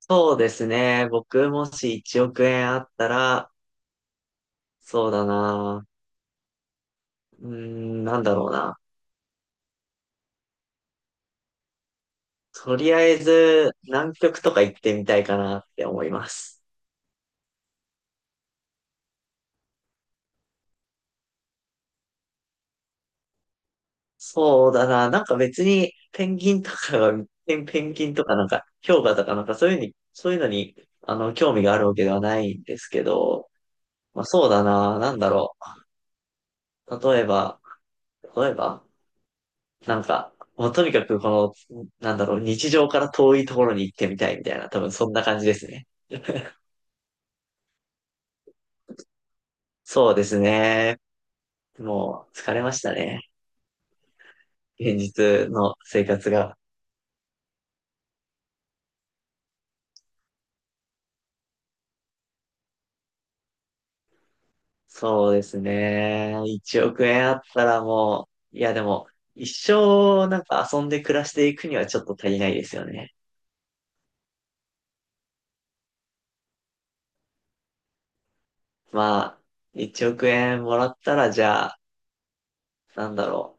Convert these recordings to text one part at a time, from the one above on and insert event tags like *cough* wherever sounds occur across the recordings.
そうですね。僕もし1億円あったら、そうだな。うーん、なんだろうな。とりあえず、南極とか行ってみたいかなって思います。そうだな。なんか別に、ペンギンとかが、ペンギンとかなんか、氷河とかなんかそういうに、そういうのに、興味があるわけではないんですけど、まあそうだな。なんだろう。例えば、なんか、もうとにかくこの、なんだろう、日常から遠いところに行ってみたいみたいな、多分そんな感じですね。そうですね。もう疲れましたね。現実の生活が。そうですね。1億円あったらもう、いやでも、一生なんか遊んで暮らしていくにはちょっと足りないですよね。まあ、1億円もらったらじゃあ、なんだろ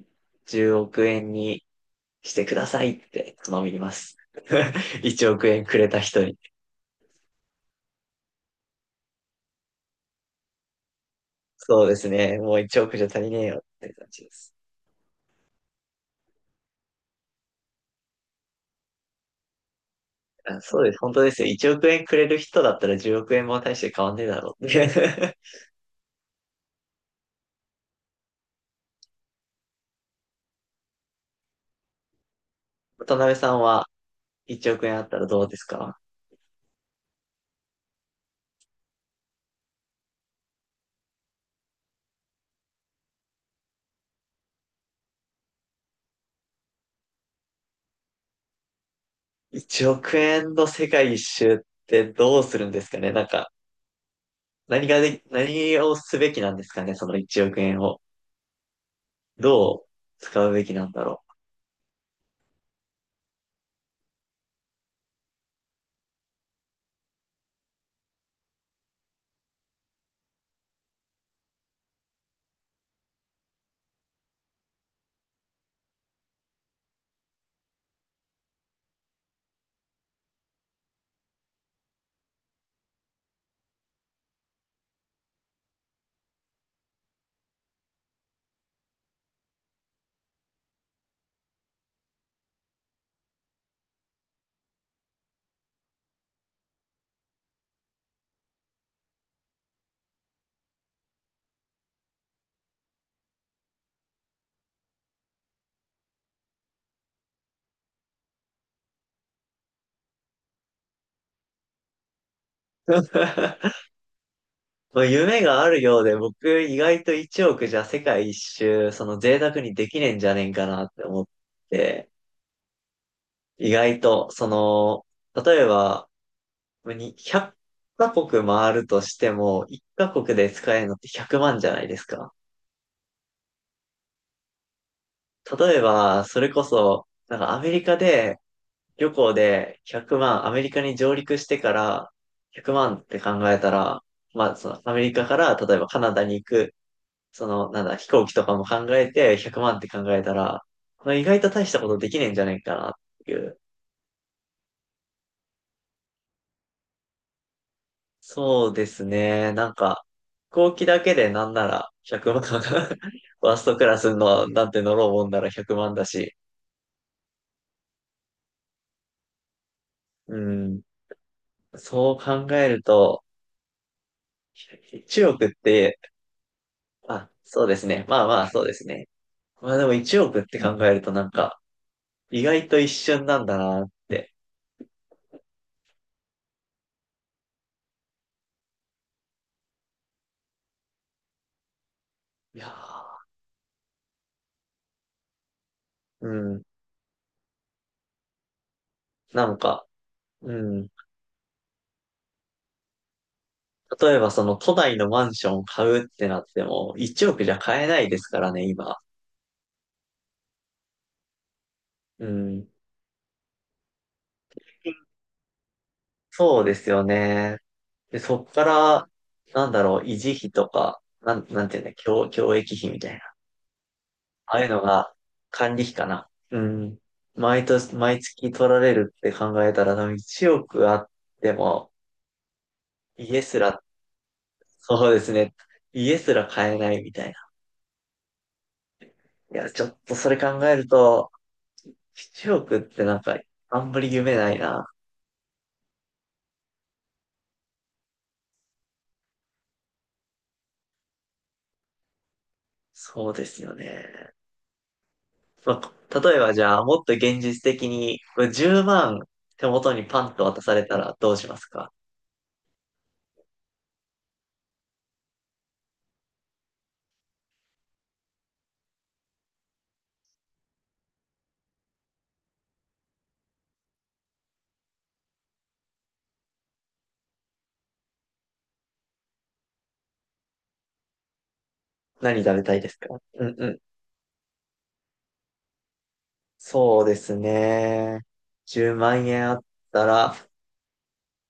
う、10億円にしてくださいって頼みます。*laughs* 1億円くれた人に。そうですね。もう1億じゃ足りねえよって感じです。あ、そうです。本当ですよ。1億円くれる人だったら10億円も大して変わんねえだろうって。*laughs* 渡辺さんは1億円あったらどうですか？ 1 億円の世界一周ってどうするんですかね？なんか、何がで、何をすべきなんですかね？その1億円を。どう使うべきなんだろう。*laughs* まあ夢があるようで、僕意外と1億じゃ世界一周、その贅沢にできねえんじゃねえんかなって思って、意外と、その、例えば、に100カ国回るとしても、1カ国で使えるのって100万じゃないですか。例えば、それこそ、なんかアメリカで、旅行で100万、アメリカに上陸してから100万って考えたら、まあ、そのアメリカから例えばカナダに行く、その、なんだ、飛行機とかも考えて100万って考えたら、まあ、意外と大したことできねえんじゃないかなっていう。そうですね。なんか、飛行機だけでなんなら100万、*laughs* ファーストクラスの、なんて乗ろうもんなら100万だし。うん。そう考えると、1億って、あ、そうですね。まあまあ、そうですね。まあでも1億って考えるとなんか、意外と一瞬なんだなって。いやー、うん。なんか、うん。例えばその都内のマンション買うってなっても、1億じゃ買えないですからね、今。うん。そうですよね。で、そっから、なんだろう、維持費とか、なんていうんだ、教育費みたいな。ああいうのが、管理費かな。うん。毎年、毎月取られるって考えたら、多分1億あっても、家すら、そうですね。家すら買えないみたいな。いや、ちょっとそれ考えると、1億ってなんか、あんまり夢ないな。そうですよね。まあ、例えばじゃあ、もっと現実的に、これ10万手元にパンと渡されたらどうしますか？何食べたいですか？うんうん。そうですね。10万円あったら、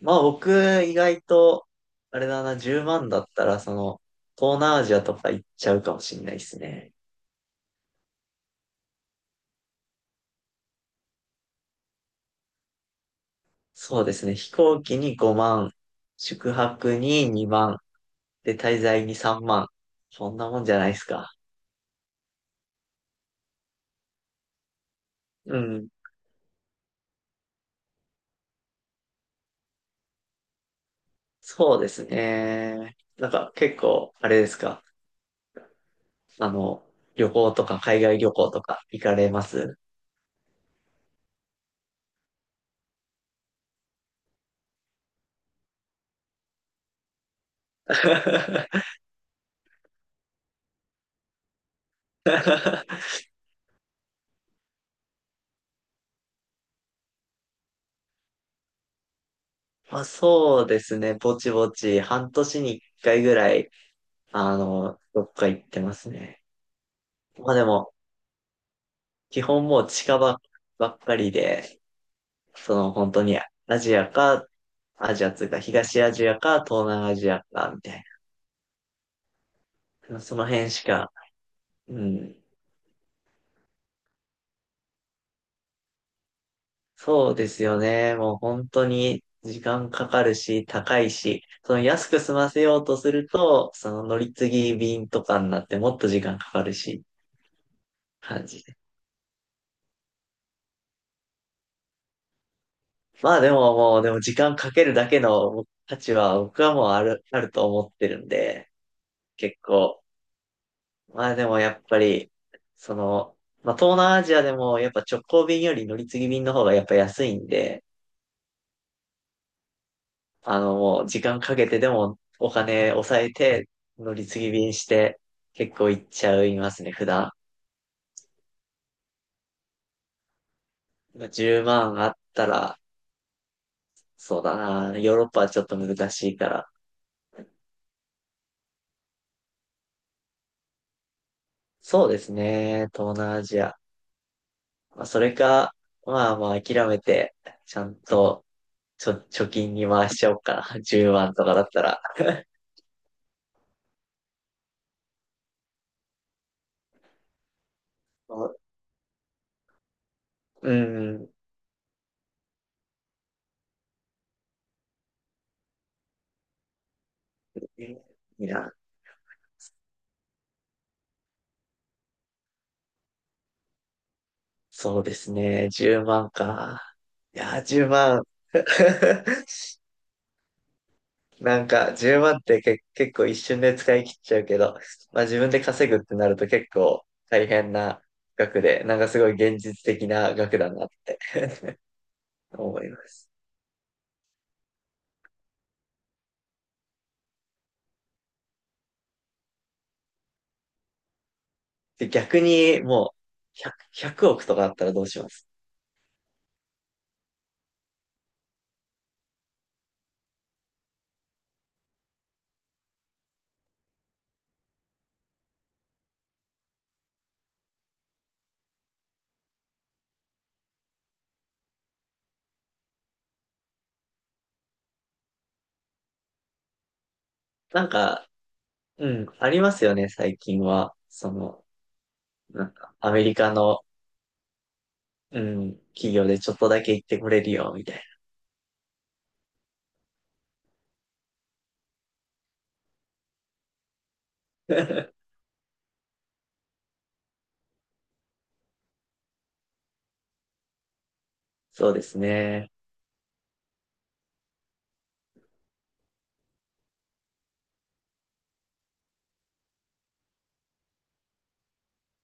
まあ僕意外と、あれだな、10万だったら、東南アジアとか行っちゃうかもしれないですね。そうですね。飛行機に5万、宿泊に2万、で、滞在に3万。そんなもんじゃないですか。うん。そうですね。なんか結構、あれですか。あの、旅行とか海外旅行とか行かれます？ *laughs* まあ、そうですね。ぼちぼち、半年に一回ぐらい、どっか行ってますね。まあでも、基本もう近場ばっかりで、その本当にアジアか、アジアというか東アジアか東南アジアか、みたいな。その辺しか、うん、そうですよね。もう本当に時間かかるし、高いし、その安く済ませようとすると、その乗り継ぎ便とかになってもっと時間かかるし、感じで。まあでももう、でも時間かけるだけの価値は僕はもうあると思ってるんで、結構。まあでもやっぱり、その、まあ東南アジアでもやっぱ直行便より乗り継ぎ便の方がやっぱ安いんで、もう時間かけてでもお金抑えて、乗り継ぎ便して結構行っちゃいますね、普段。10万あったら、そうだな、ヨーロッパはちょっと難しいから。そうですね、東南アジア。まあ、それか、まあまあ諦めて、ちゃんと、貯金に回しちゃおうかな。*laughs* 10万とかだったら。*laughs* うん、いや、そうですね、10万か。いや、10万。*laughs* なんか10万って結構一瞬で使い切っちゃうけど、まあ自分で稼ぐってなると結構大変な額で、なんかすごい現実的な額だなって思います。で、逆にもう100億とかあったらどうします？なんか、うん、ありますよね、最近は。なんかアメリカの、うん、企業でちょっとだけ行ってこれるよ、みたいな。*laughs* そうですね。